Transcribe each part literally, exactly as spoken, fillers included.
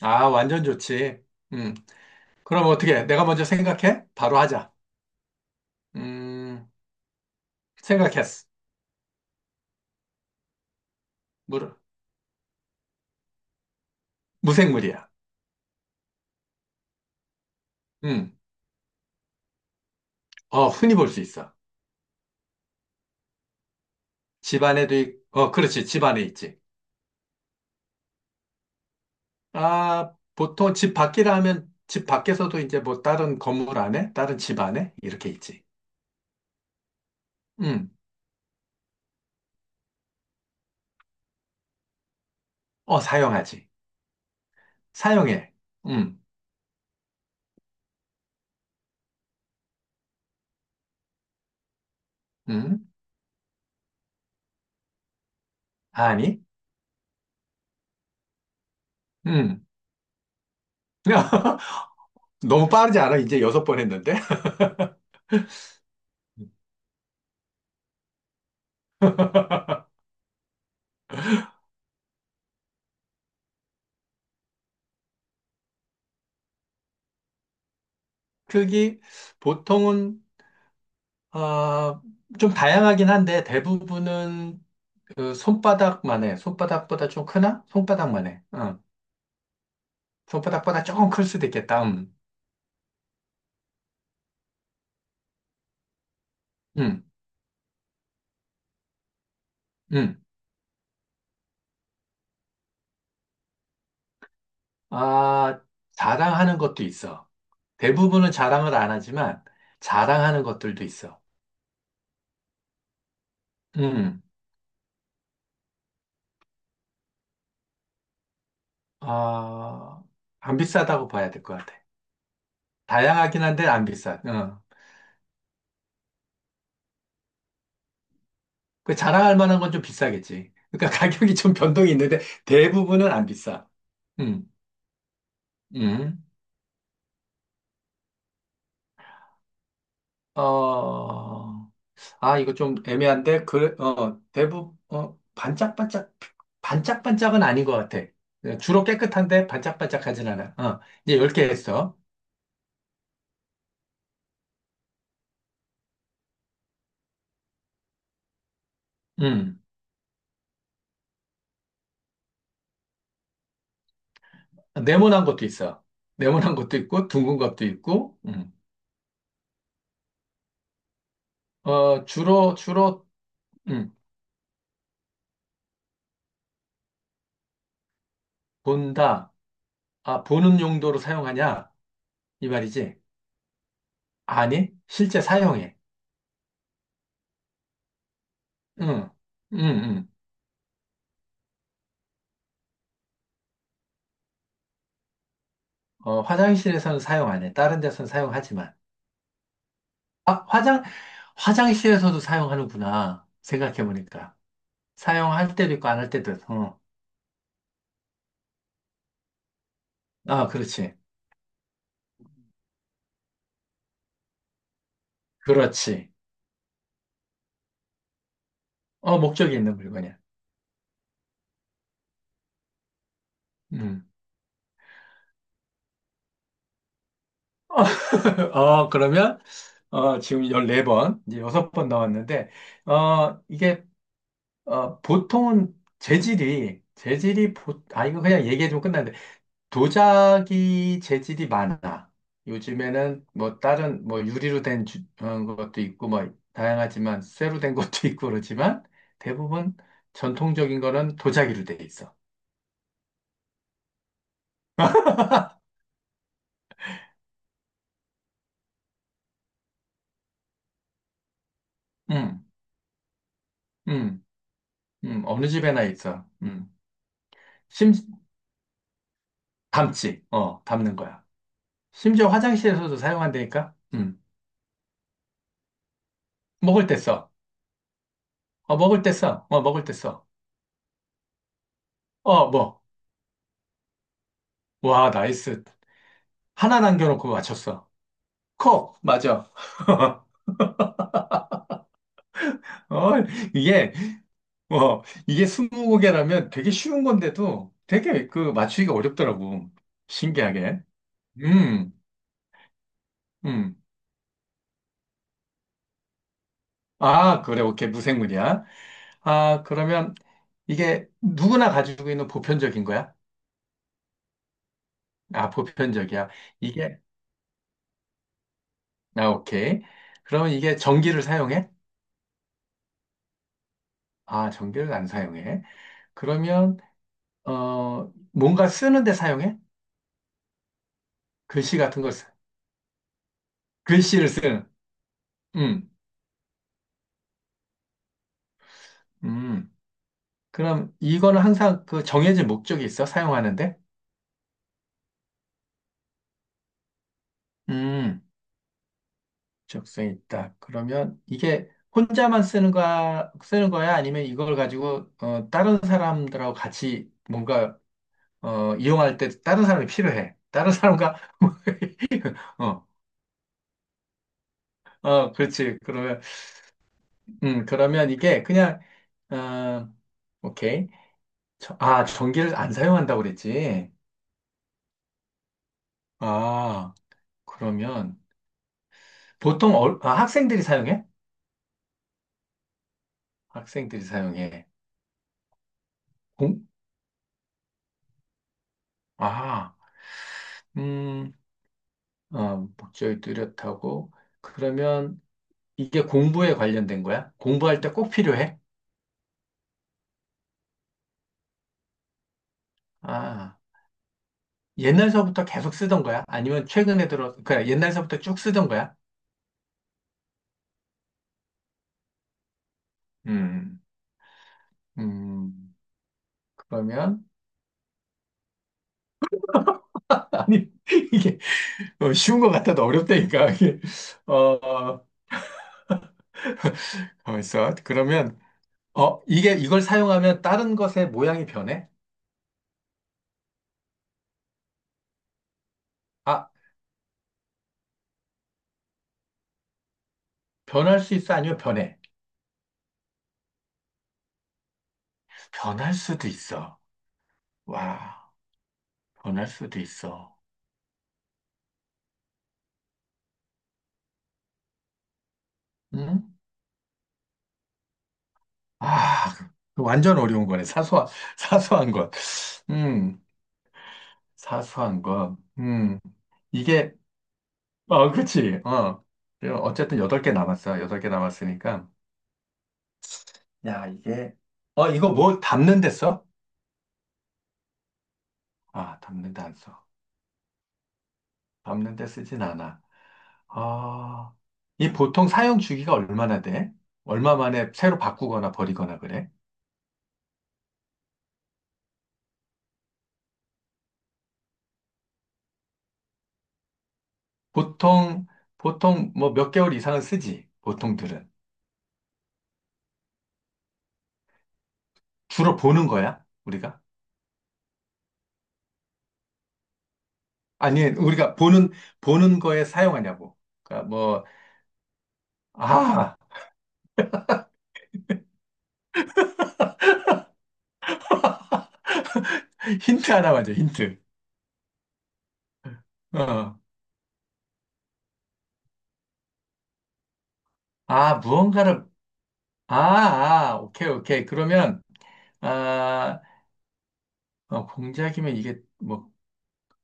아, 완전 좋지. 음. 그럼 어떻게? 해? 내가 먼저 생각해? 바로 하자. 음, 생각했어. 물, 무생물이야. 음. 어, 흔히 볼 수 있어. 집 안에도, 있, 어, 그렇지. 집 안에 있지. 아, 보통 집 밖이라 하면 집 밖에서도 이제 뭐 다른 건물 안에, 다른 집 안에 이렇게 있지. 음. 어, 사용하지. 사용해. 음. 음. 아니. 음. 너무 빠르지 않아? 이제 여섯 번 했는데. 크기 보통은 아, 좀 다양하긴 한데 대부분은 그 손바닥만 해. 손바닥보다 좀 크나? 손바닥만 해. 어. 손바닥보다 조금 클 수도 있겠다. 음. 음. 음. 아, 자랑하는 것도 있어. 대부분은 자랑을 안 하지만 자랑하는 것들도 있어. 음. 아, 안 비싸다고 봐야 될 것 같아. 다양하긴 한데 안 비싸. 어. 그 자랑할 만한 건 좀 비싸겠지. 그러니까 가격이 좀 변동이 있는데 대부분은 안 비싸. 음. 음. 어, 아, 이거 좀 애매한데, 그, 어, 대부분, 어, 반짝반짝, 반짝반짝은 아닌 것 같아. 네, 주로 깨끗한데 반짝반짝하진 않아. 어, 이제 열 개 했어. 음, 네모난 것도 있어. 네모난 것도 있고, 둥근 것도 있고, 음. 어, 주로, 주로, 음, 본다. 아, 보는 용도로 사용하냐? 이 말이지. 아니, 실제 사용해. 응, 응, 응. 어, 화장실에서는 사용 안 해. 다른 데서는 사용하지만. 아, 화장, 화장실에서도 사용하는구나. 생각해보니까. 사용할 때도 있고 안 할 때도 있고. 어. 아, 그렇지. 그렇지. 어, 목적이 있는 물건이야. 음. 어, 그러면, 어, 지금 열네 번, 이제 여섯 번 나왔는데, 어, 이게, 어, 보통은 재질이, 재질이, 보, 아, 이거 그냥 얘기해주면 끝나는데, 도자기 재질이 많아. 요즘에는 뭐 다른 뭐 유리로 된 주- 어, 것도 있고 뭐 다양하지만 쇠로 된 것도 있고 그렇지만 대부분 전통적인 거는 도자기로 돼 있어. 음, 음, 음, 어느 집에나 있어. 음, 심, 담지, 어, 담는 거야. 심지어 화장실에서도 사용한다니까? 음, 먹을 때 써. 어, 먹을 때 써. 어, 먹을 때 써. 어, 뭐. 와, 나이스. 하나 남겨놓고 맞췄어. 콕! 맞아. 어, 이게, 뭐, 이게 스무 곡이라면 되게 쉬운 건데도 되게 그 맞추기가 어렵더라고. 신기하게. 음, 음. 아, 그래, 오케이. 무생물이야. 아, 그러면 이게 누구나 가지고 있는 보편적인 거야? 아, 보편적이야. 이게, 아, 오케이. 그러면 이게 전기를 사용해? 아, 전기를 안 사용해. 그러면, 어, 뭔가 쓰는데 사용해? 글씨 같은 걸, 쓰- 글씨를 쓰는. 음, 음. 그럼 이거는 항상 그 정해진 목적이 있어? 사용하는데? 음, 적성이 있다. 그러면 이게 혼자만 쓰는 거야, 쓰는 거야? 아니면 이걸 가지고 어, 다른 사람들하고 같이 뭔가 어, 이용할 때 다른 사람이 필요해. 다른 사람과 어, 어, 그렇지. 그러면 음, 그러면 이게 그냥 어, 오케이. 저- 아, 전기를 안 사용한다고 그랬지. 아, 그러면 보통 어, 아, 학생들이 사용해? 학생들이 사용해. 공? 아, 음, 어, 목적이 뚜렷하고. 그러면 이게 공부에 관련된 거야? 공부할 때 꼭 필요해? 아, 옛날서부터 계속 쓰던 거야? 아니면 최근에 들어, 그냥 옛날서부터 쭉 쓰던 거야? 음, 음, 그러면, 아니, 이게 어, 쉬운 것 같아도 어렵다니까. 이게, 어, 어, 있어. 그러면, 어, 이게, 이걸 사용하면 다른 것의 모양이 변해? 아, 변할 수 있어? 아니면 변해? 변할 수도 있어. 와, 변할 수도 있어. 응? 아, 그 완전 어려운 거네. 사소한, 사소한 것. 음, 사소한 것. 음, 이게, 어, 그치. 어. 그럼 어쨌든 여덟 개 남았어. 여덟 개 남았으니까. 야, 이게, 어, 이거 뭐 담는 데 써? 아, 담는 데 안 써. 담는 데 쓰진 않아. 아, 이 보통 사용 주기가 얼마나 돼? 얼마 만에 새로 바꾸거나 버리거나 그래? 보통, 보통 뭐 몇 개월 이상은 쓰지, 보통들은. 주로 보는 거야, 우리가? 아니, 우리가 보는, 보는 거에 사용하냐고. 그러니까 뭐, 아, 힌트 하나 맞줘 힌트. 어. 아, 무언가를, 아, 아, 오케이, 오케이. 그러면, 아, 어, 공작이면 이게 뭐,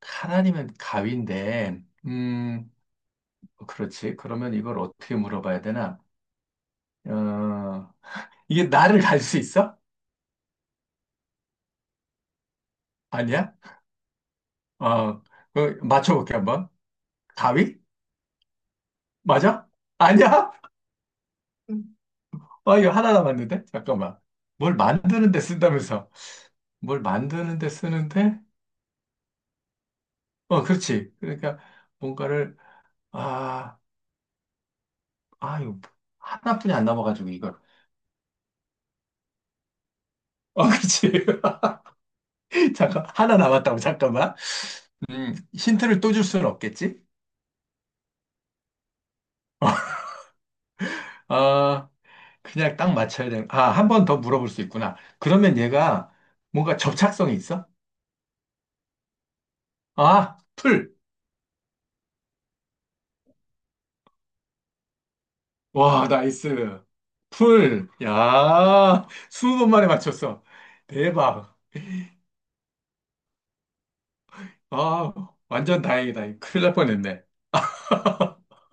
칼아니면 가위인데, 음, 뭐 그렇지. 그러면 이걸 어떻게 물어봐야 되나? 어, 이게 나를 갈 수 있어? 아니야? 아, 그 맞춰볼게 한번. 가위? 맞아? 아니야? 아, 이거 하나 남았는데? 잠깐만. 뭘 만드는 데 쓴다면서. 뭘 만드는 데 쓰는데? 어, 그렇지. 그러니까 뭔가를, 아, 아, 이거 하나뿐이 안 남아가지고 이걸. 어, 그렇지. 잠깐, 하나 남았다고, 잠깐만. 음, 힌트를 또 줄 수는 없겠지? 아, 그냥 딱 맞춰야 되는, 아, 한 번 더 물어볼 수 있구나. 그러면 얘가 뭔가 접착성이 있어? 아, 풀. 와, 나이스. 풀. 야, 스무 번 만에 맞췄어. 대박. 아, 완전 다행이다. 큰일 날 뻔했네.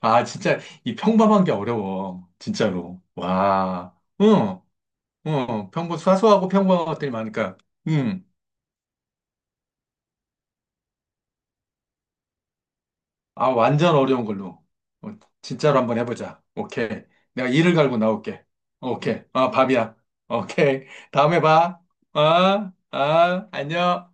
아, 진짜 이 평범한 게 어려워. 진짜로. 와. 응. 응. 평범 사소하고 평범한 것들이 많으니까. 응. 아, 완전 어려운 걸로. 어, 진짜로 한번 해보자. 오케이. 내가 이를 갈고 나올게. 오케이. 아, 밥이야. 오케이. 다음에 봐. 아, 아, 안녕.